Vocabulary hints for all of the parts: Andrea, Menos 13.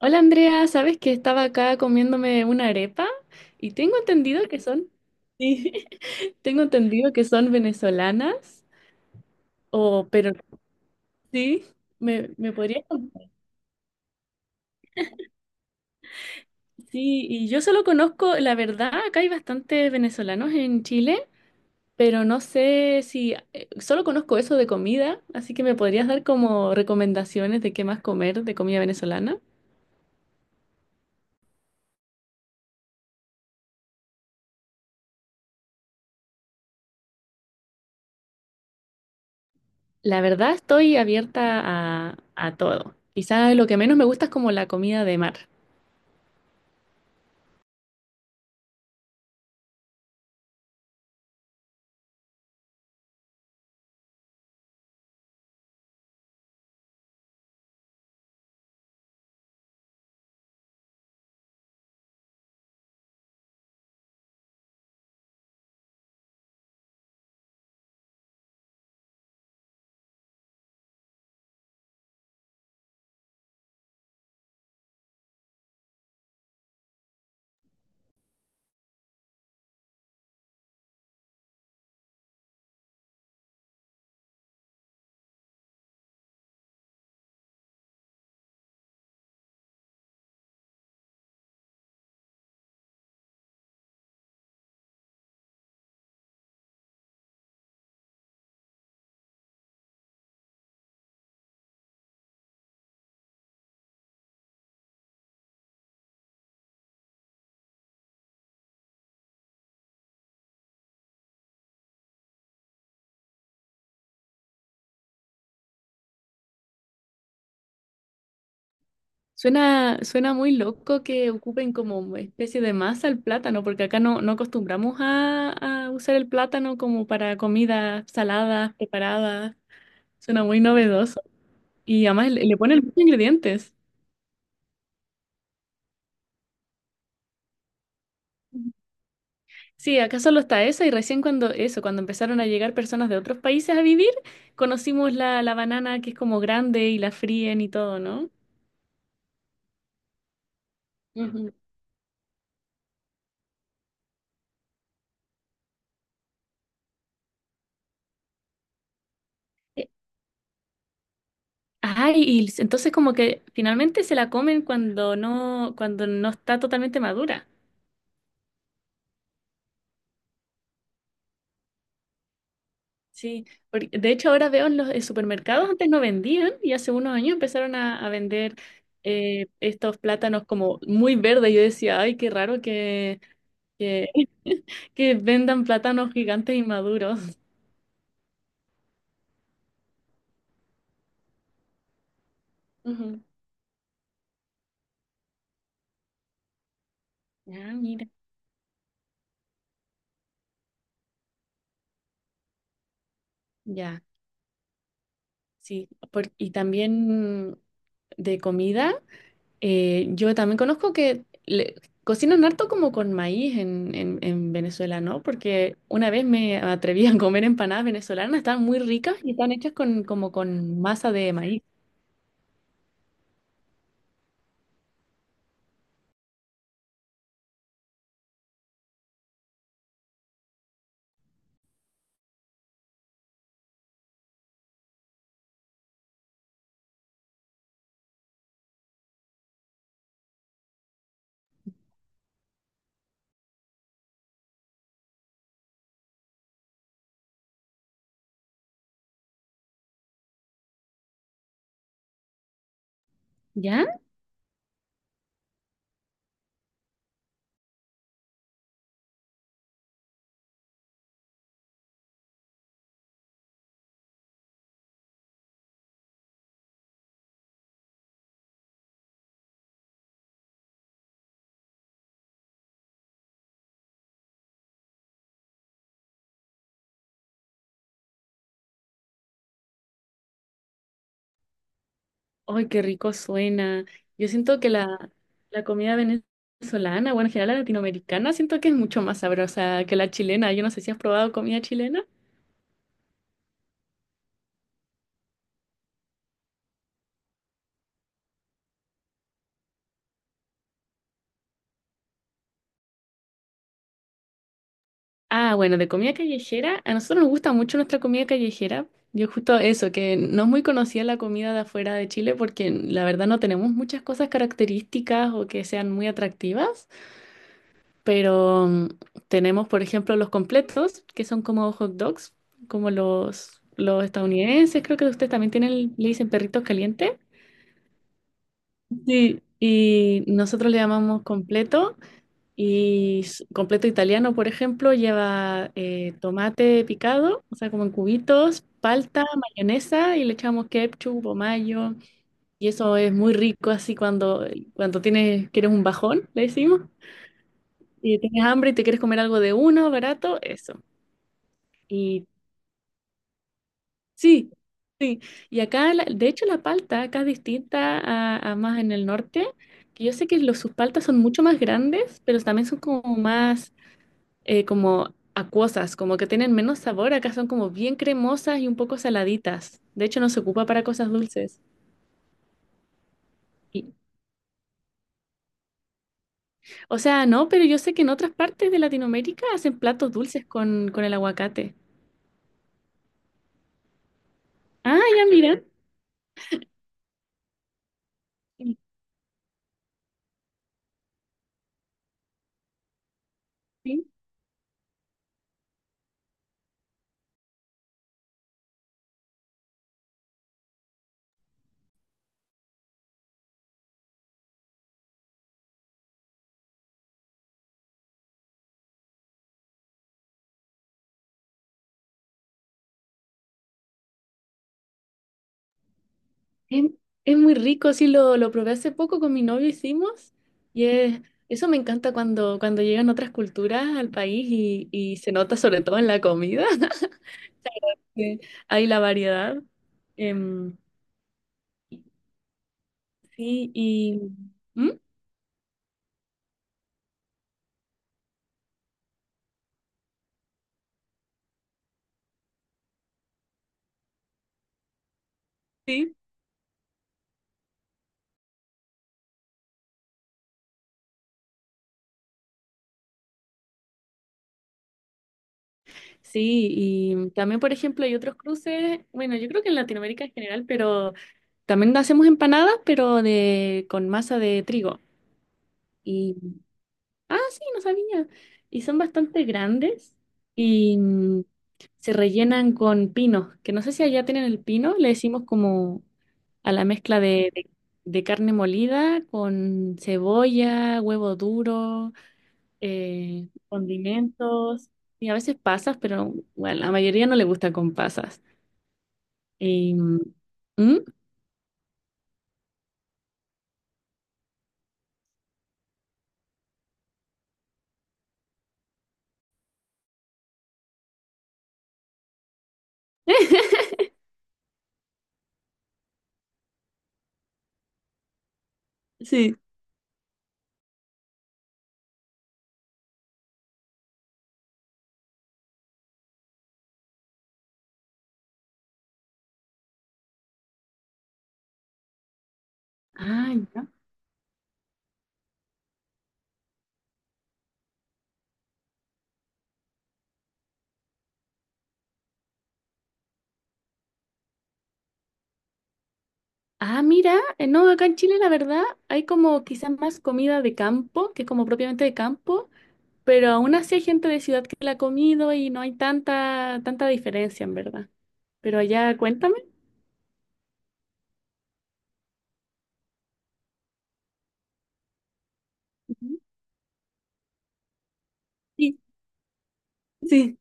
Hola Andrea, ¿sabes que estaba acá comiéndome una arepa? Y tengo entendido que son, sí, tengo entendido que son venezolanas, o, pero sí, me podría contar. Sí, y yo solo conozco, la verdad, acá hay bastantes venezolanos en Chile, pero no sé si, solo conozco eso de comida, así que me podrías dar como recomendaciones de qué más comer de comida venezolana. La verdad estoy abierta a todo. Quizás lo que menos me gusta es como la comida de mar. Suena muy loco que ocupen como especie de masa el plátano, porque acá no, no acostumbramos a usar el plátano como para comidas saladas, preparadas. Suena muy novedoso. Y además le ponen muchos ingredientes. Sí, acá solo está eso y recién cuando eso, cuando empezaron a llegar personas de otros países a vivir, conocimos la banana que es como grande y la fríen y todo, ¿no? Ujú. Eh, Ay, y s- entonces como que finalmente se la comen cuando no está totalmente madura. Sí, porque de hecho ahora veo en los en supermercados, antes no vendían y hace unos años empezaron a vender estos plátanos como muy verdes. Yo decía, ay, qué raro que, que vendan plátanos gigantes y maduros. Ujú. Ah, mira, ya, sí. Por y también de comida. Yo también conozco que le cocinan harto como con maíz en Venezuela, ¿no? Porque una vez me atreví a comer empanadas venezolanas, están muy ricas y están hechas con, como con masa de maíz. ¿Ya? ¡Ay, qué rico suena! Yo siento que la comida venezolana, bueno, en general la latinoamericana, siento que es mucho más sabrosa que la chilena. Yo no sé si has probado comida chilena. Ah, bueno, de comida callejera, a nosotros nos gusta mucho nuestra comida callejera. Yo justo eso, que no es muy conocida la comida de afuera de Chile porque la verdad no tenemos muchas cosas características o que sean muy atractivas, pero tenemos, por ejemplo, los completos, que son como hot dogs, como los estadounidenses, creo que ustedes también tienen, le dicen perritos calientes. Sí, y nosotros le llamamos completo. Y s- completo italiano, por ejemplo, lleva tomate picado, o sea, como en cubitos, palta, mayonesa y le echamos ketchup o mayo. Y eso es muy rico así cuando, cuando tienes, quieres un bajón, le decimos, y tienes hambre y te quieres comer algo de uno, barato, eso. Y sí, sí. Y acá, la de hecho, la palta acá es distinta a más en el norte, que yo sé que los, sus paltas son mucho más grandes, pero también son como más como acuosas, como que tienen menos sabor. Acá son como bien cremosas y un poco saladitas. De hecho, no se ocupa para cosas dulces. Y o sea, no, pero yo sé que en otras partes de Latinoamérica hacen platos dulces con el aguacate. Ah, ya mira. Sí, sí. Es, es muy rico, sí, lo probé hace poco con mi novio, hicimos. Y es eso me encanta cuando, cuando llegan otras culturas al país y se nota sobre todo en la comida. Sí, hay la variedad. Em, Sí, y... ¿Mm? Sí. Sí, y también, por ejemplo, hay otros cruces, bueno, yo creo que en Latinoamérica en general, pero también hacemos empanadas, pero de con masa de trigo. Y, ah, sí, no sabía. Y son bastante grandes y se rellenan con pinos, que no sé si allá tienen el pino, le decimos como a la mezcla de carne molida con cebolla, huevo duro, condimentos y a veces pasas, pero bueno, la mayoría no le gusta con pasas. Y, ¿mm? Sí. Ah, ya. Ah, mira, no, acá en Chile la verdad hay como quizás más comida de campo, que es como propiamente de campo, pero aún así hay gente de ciudad que la ha comido y no hay tanta, tanta diferencia en verdad. Pero allá, cuéntame. Ujú. Sí, sí.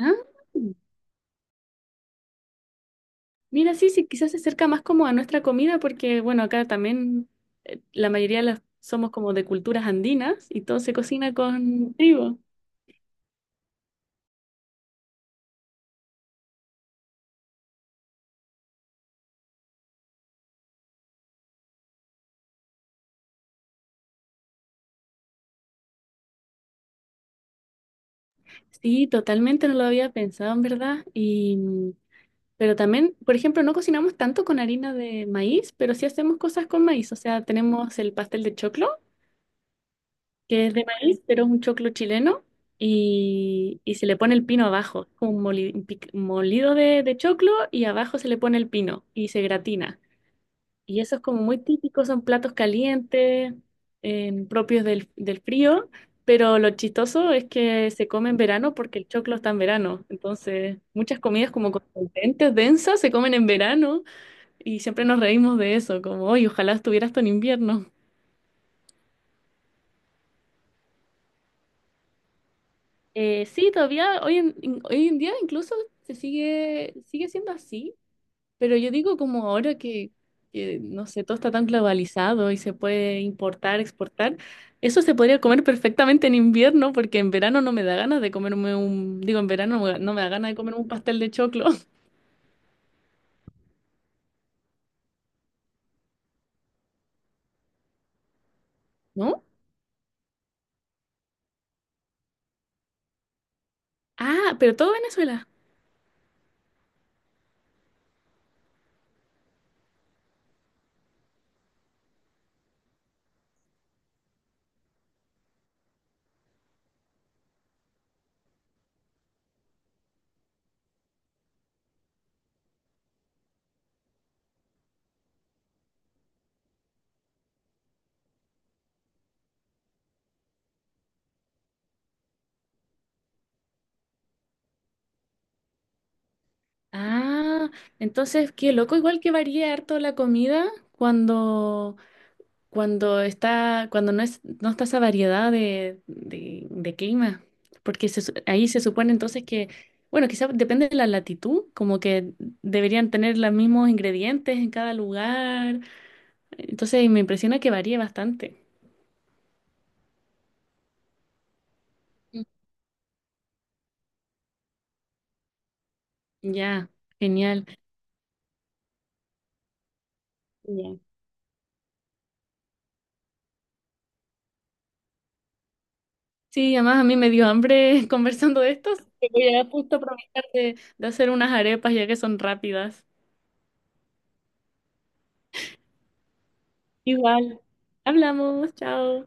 Ah. Mira, sí, sí, quizás se acerca más como a nuestra comida porque, bueno, acá también la mayoría de las somos como de culturas andinas y todo se cocina con trigo. Sí, totalmente no lo había pensado, en verdad. Y, pero también, por ejemplo, no cocinamos tanto con harina de maíz, pero sí hacemos cosas con maíz. O sea, tenemos el pastel de choclo, que es de maíz, pero es un choclo chileno. Y se le pone el pino abajo, como un moli- un pic- molido de choclo y abajo se le pone el pino y se gratina. Y eso es como muy típico, son platos calientes, propios del, del frío, pero lo chistoso es que se come en verano porque el choclo está en verano. Entonces, muchas comidas como contundentes, densas, se comen en verano y siempre nos reímos de eso, como, hoy ojalá estuviera esto en invierno. Sí, todavía hoy en, in- hoy en día incluso sigue siendo así. Pero yo digo como ahora que, no sé, todo está tan globalizado y se puede importar, exportar, eso se podría comer perfectamente en invierno porque en verano no me da ganas de comerme un, digo, en verano no me da ganas de comerme un pastel de choclo, ¿no? Ah, pero todo Venezuela. Ah, entonces, qué loco, igual que varía harto la comida cuando cuando está, cuando no es, no está esa variedad de clima, porque se su- ahí se supone entonces que, bueno, quizás depende de la latitud, como que deberían tener los mismos ingredientes en cada lugar, entonces me impresiona que varíe bastante. Mm. Ya, genial. Ya. Sí, además a mí me dio hambre conversando de esto, así que voy a justo aprovechar de hacer unas arepas ya que son rápidas. Igual, hablamos, chao.